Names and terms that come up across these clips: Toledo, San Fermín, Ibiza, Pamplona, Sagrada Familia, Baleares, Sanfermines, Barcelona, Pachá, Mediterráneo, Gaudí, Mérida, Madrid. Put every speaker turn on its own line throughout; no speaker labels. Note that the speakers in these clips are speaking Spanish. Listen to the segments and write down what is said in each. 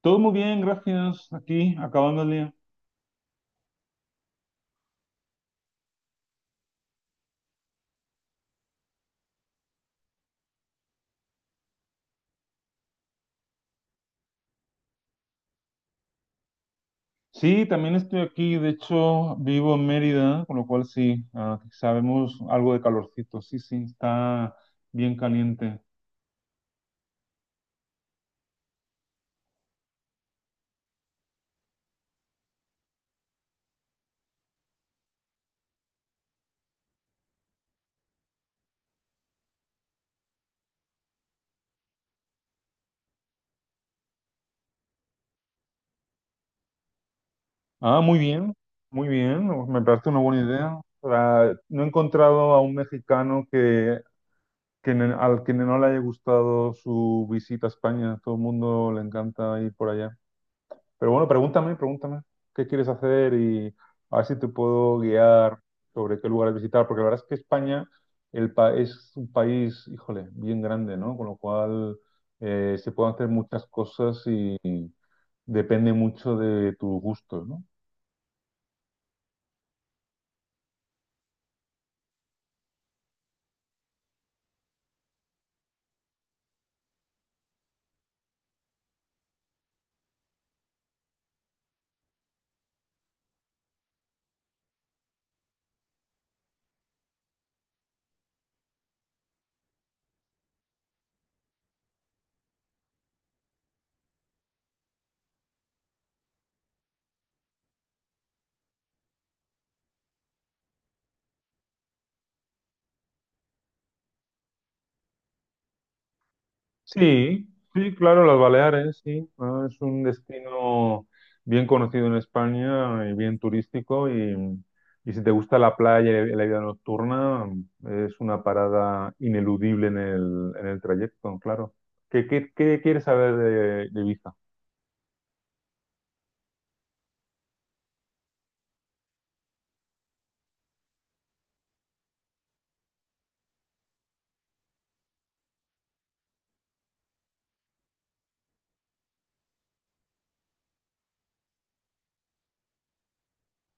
Todo muy bien, gracias. Aquí, acabando el día. Sí, también estoy aquí. De hecho, vivo en Mérida, con lo cual sí, sabemos algo de calorcito. Sí, sí, está bien caliente. Ah, muy bien, muy bien. Me parece una buena idea. No he encontrado a un mexicano al que no le haya gustado su visita a España. Todo el mundo le encanta ir por allá. Pero bueno, pregúntame, pregúntame qué quieres hacer y a ver si te puedo guiar sobre qué lugares visitar, porque la verdad es que España es un país, híjole, bien grande, ¿no? Con lo cual se pueden hacer muchas cosas y depende mucho de tus gustos, ¿no? Sí, sí, claro, las Baleares, sí. Ah, es un destino bien conocido en España y bien turístico y si te gusta la playa y la vida nocturna, es una parada ineludible en el trayecto, claro. ¿Qué quieres saber de Ibiza?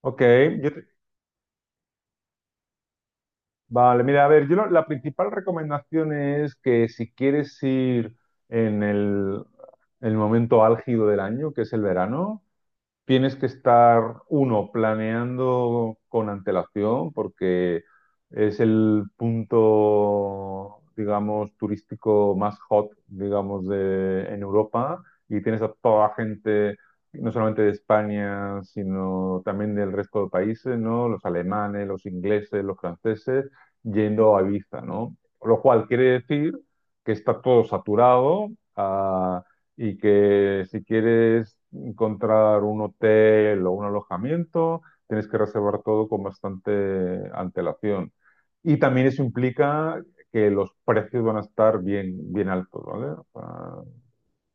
Ok, yo te- vale, mira, a ver, la principal recomendación es que si quieres ir en el, el momento álgido del año, que es el verano, tienes que estar, uno, planeando con antelación, porque es el punto, digamos, turístico más hot, digamos, de, en Europa, y tienes a toda la gente, no solamente de España, sino también del resto de países, ¿no? Los alemanes, los ingleses, los franceses, yendo a Ibiza, ¿no? Lo cual quiere decir que está todo saturado, ah, y que si quieres encontrar un hotel o un alojamiento, tienes que reservar todo con bastante antelación. Y también eso implica que los precios van a estar bien, bien altos, ¿vale? O sea,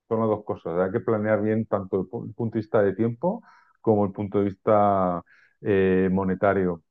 son las dos cosas. Hay que planear bien tanto punto de vista de tiempo como el punto de vista monetario.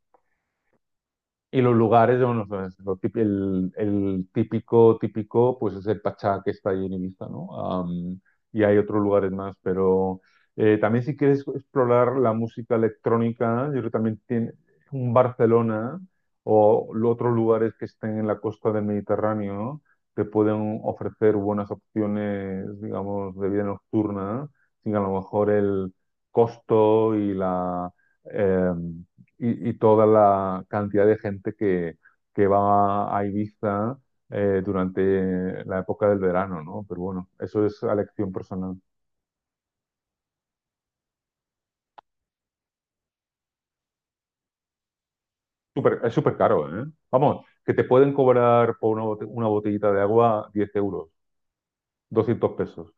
Y los lugares, bueno, pues, el típico, típico, pues es el Pachá que está ahí en Ibiza, ¿no? Am, y hay otros lugares más, pero también si quieres explorar la música electrónica, yo creo que también tiene un Barcelona o otros lugares que estén en la costa del Mediterráneo, ¿no? Te pueden ofrecer buenas opciones, digamos, de vida nocturna, sin a lo mejor el costo y la... em, y toda la cantidad de gente que va a Ibiza durante la época del verano, ¿no? Pero bueno, eso es a elección personal. Es súper caro, ¿eh? Vamos, que te pueden cobrar por una botellita de agua 10 euros, 200 pesos.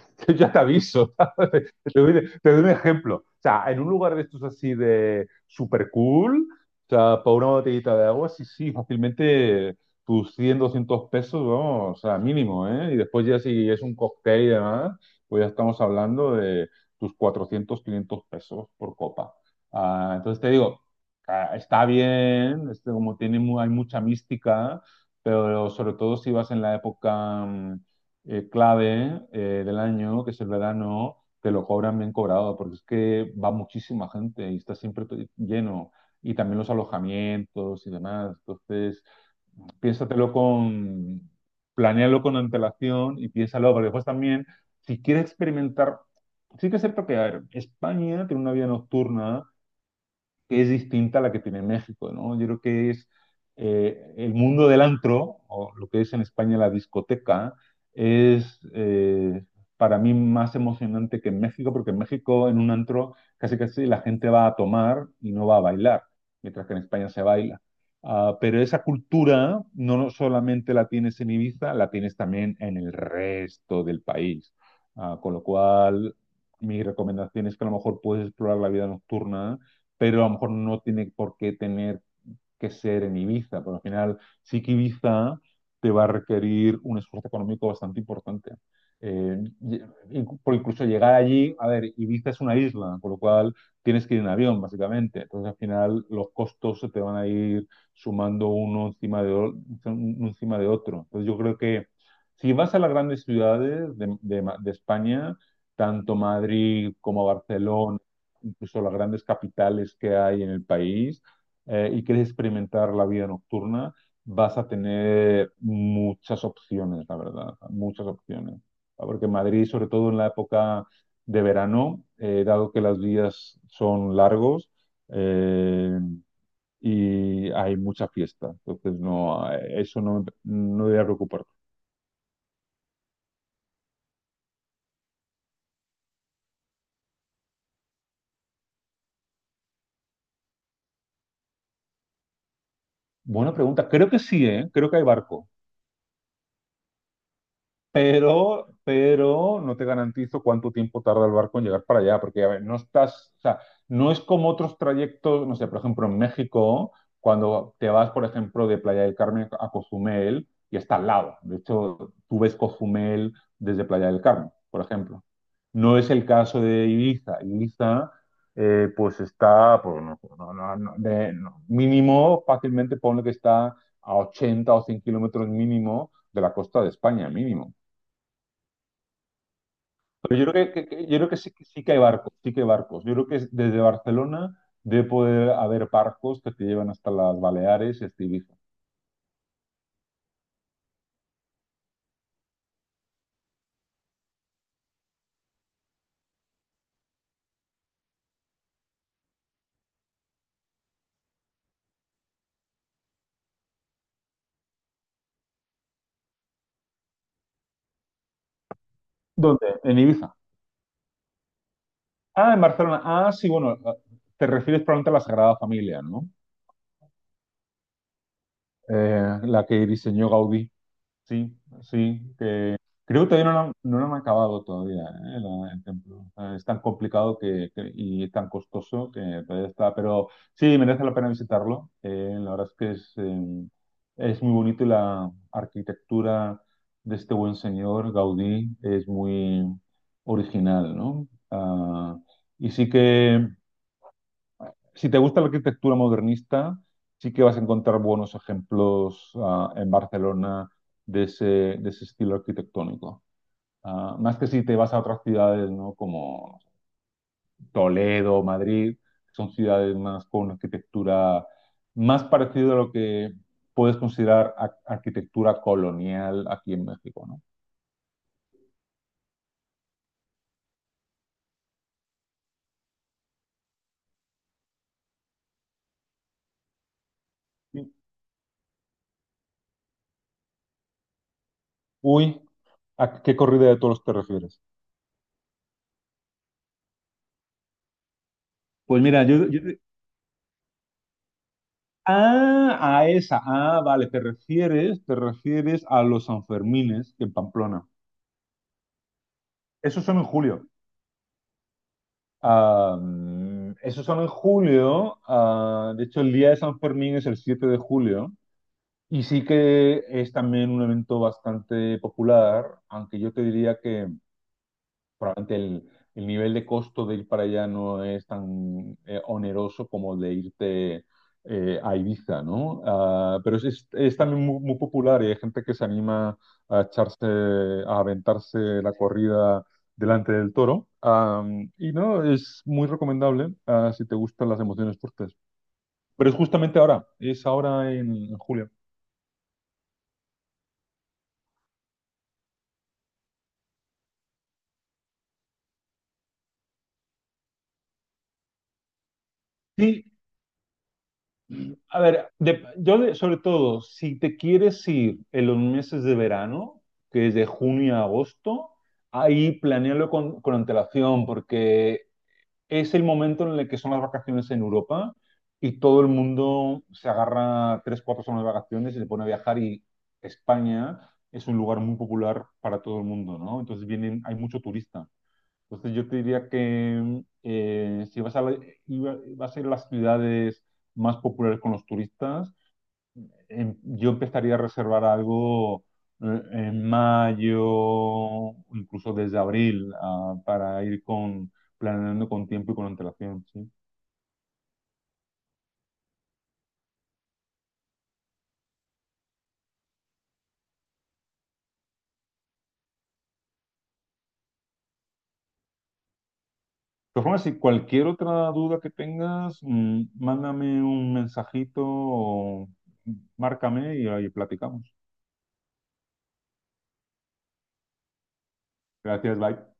Yo ya te aviso. ¿Sabes? Te doy un ejemplo. O sea, en un lugar de estos así de super cool, o sea, por una botellita de agua, sí, sí, fácilmente tus 100 200 pesos, vamos, o sea, mínimo, ¿eh? Y después ya si es un cóctel y demás, pues ya estamos hablando de tus 400 500 pesos por copa. Ah, entonces te digo, está bien, este, como tiene, hay mucha mística, pero sobre todo si vas en la época clave del año, que es el verano, te lo cobran bien cobrado, porque es que va muchísima gente y está siempre lleno. Y también los alojamientos y demás. Entonces, piénsatelo con, planéalo con antelación y piénsalo, porque después también, si quieres experimentar, sí que es cierto que, a ver, España tiene una vida nocturna que es distinta a la que tiene México, ¿no? Yo creo que es el mundo del antro, o lo que es en España la discoteca, es para mí más emocionante que en México, porque en México en un antro casi casi la gente va a tomar y no va a bailar, mientras que en España se baila. Ah, pero esa cultura no solamente la tienes en Ibiza, la tienes también en el resto del país. Ah, con lo cual, mi recomendación es que a lo mejor puedes explorar la vida nocturna, pero a lo mejor no tiene por qué tener que ser en Ibiza, pero al final sí que Ibiza te va a requerir un esfuerzo económico bastante importante. Eh, por incluso llegar allí, a ver, Ibiza es una isla, por lo cual tienes que ir en avión, básicamente. Entonces, al final, los costos se te van a ir sumando uno encima de otro. Entonces, yo creo que si vas a las grandes ciudades de España, tanto Madrid como Barcelona, incluso las grandes capitales que hay en el país, y quieres experimentar la vida nocturna, vas a tener muchas opciones, la verdad, muchas opciones. Ah, porque Madrid, sobre todo en la época de verano, dado que las vías son largos eh, y hay mucha fiesta, entonces no, eso no, no debería preocuparte. Buena pregunta, creo que sí, ¿eh? Creo que hay barco. Pero no te garantizo cuánto tiempo tarda el barco en llegar para allá, porque a ver, no estás, o sea, no es como otros trayectos, no sé, por ejemplo, en México, cuando te vas, por ejemplo, de Playa del Carmen a Cozumel y está al lado. De hecho, tú ves Cozumel desde Playa del Carmen, por ejemplo. No es el caso de Ibiza. Ibiza, pues está, pues, no, no, no, no, no, mínimo, fácilmente ponle que está a 80 o 100 kilómetros mínimo de la costa de España, mínimo. Pero yo creo que yo creo que sí, que sí que hay barcos, sí que hay barcos. Yo creo que desde Barcelona debe poder haber barcos que te llevan hasta las Baleares y hasta Ibiza. ¿Dónde? En Ibiza. Ah, en Barcelona. Ah, sí, bueno, te refieres probablemente a la Sagrada Familia, ¿no? La que diseñó Gaudí. Sí, sí, que creo que todavía no lo han acabado todavía, ¿eh? El templo. O sea, es tan complicado y tan costoso que todavía está, pero sí, merece la pena visitarlo. La verdad es que es muy bonito y la arquitectura de este buen señor, Gaudí, es muy original, ¿no? Ah, y sí que si te gusta la arquitectura modernista, sí que vas a encontrar buenos ejemplos en Barcelona de ese estilo arquitectónico. Ah, más que si te vas a otras ciudades, ¿no? Como Toledo, Madrid, que son ciudades más con una arquitectura más parecida a lo que puedes considerar arquitectura colonial aquí en México, ¿no? Sí. Uy, ¿a qué corrida de toros te refieres? Pues mira, yo, ah, a esa. Ah, vale, te refieres a los Sanfermines en Pamplona. Esos son en julio. Ah, esos son en julio. Ah, de hecho, el día de San Fermín es el 7 de julio. Y sí que es también un evento bastante popular, aunque yo te diría que probablemente el nivel de costo de ir para allá no es tan oneroso como el de irte a Ibiza, ¿no? Ah, es también muy, muy popular y hay gente que se anima a echarse, a aventarse la corrida delante del toro. Y no, es muy recomendable si te gustan las emociones fuertes. Pero es justamente ahora, es ahora en, julio. Sí, a ver, sobre todo, si te quieres ir en los meses de verano, que es de junio a agosto, ahí con antelación, porque es el momento en el que son las vacaciones en Europa y todo el mundo se agarra tres, cuatro semanas de vacaciones y se pone a viajar y España es un lugar muy popular para todo el mundo, ¿no? Entonces vienen, hay mucho turista. Entonces yo te diría que si vas a ir a las ciudades más populares con los turistas, yo empezaría a reservar algo en mayo, incluso desde abril, para ir con, planeando con tiempo y con antelación, ¿sí? De todas formas, si cualquier otra duda que tengas, mándame un mensajito o mm, márcame y ahí platicamos. Gracias, bye.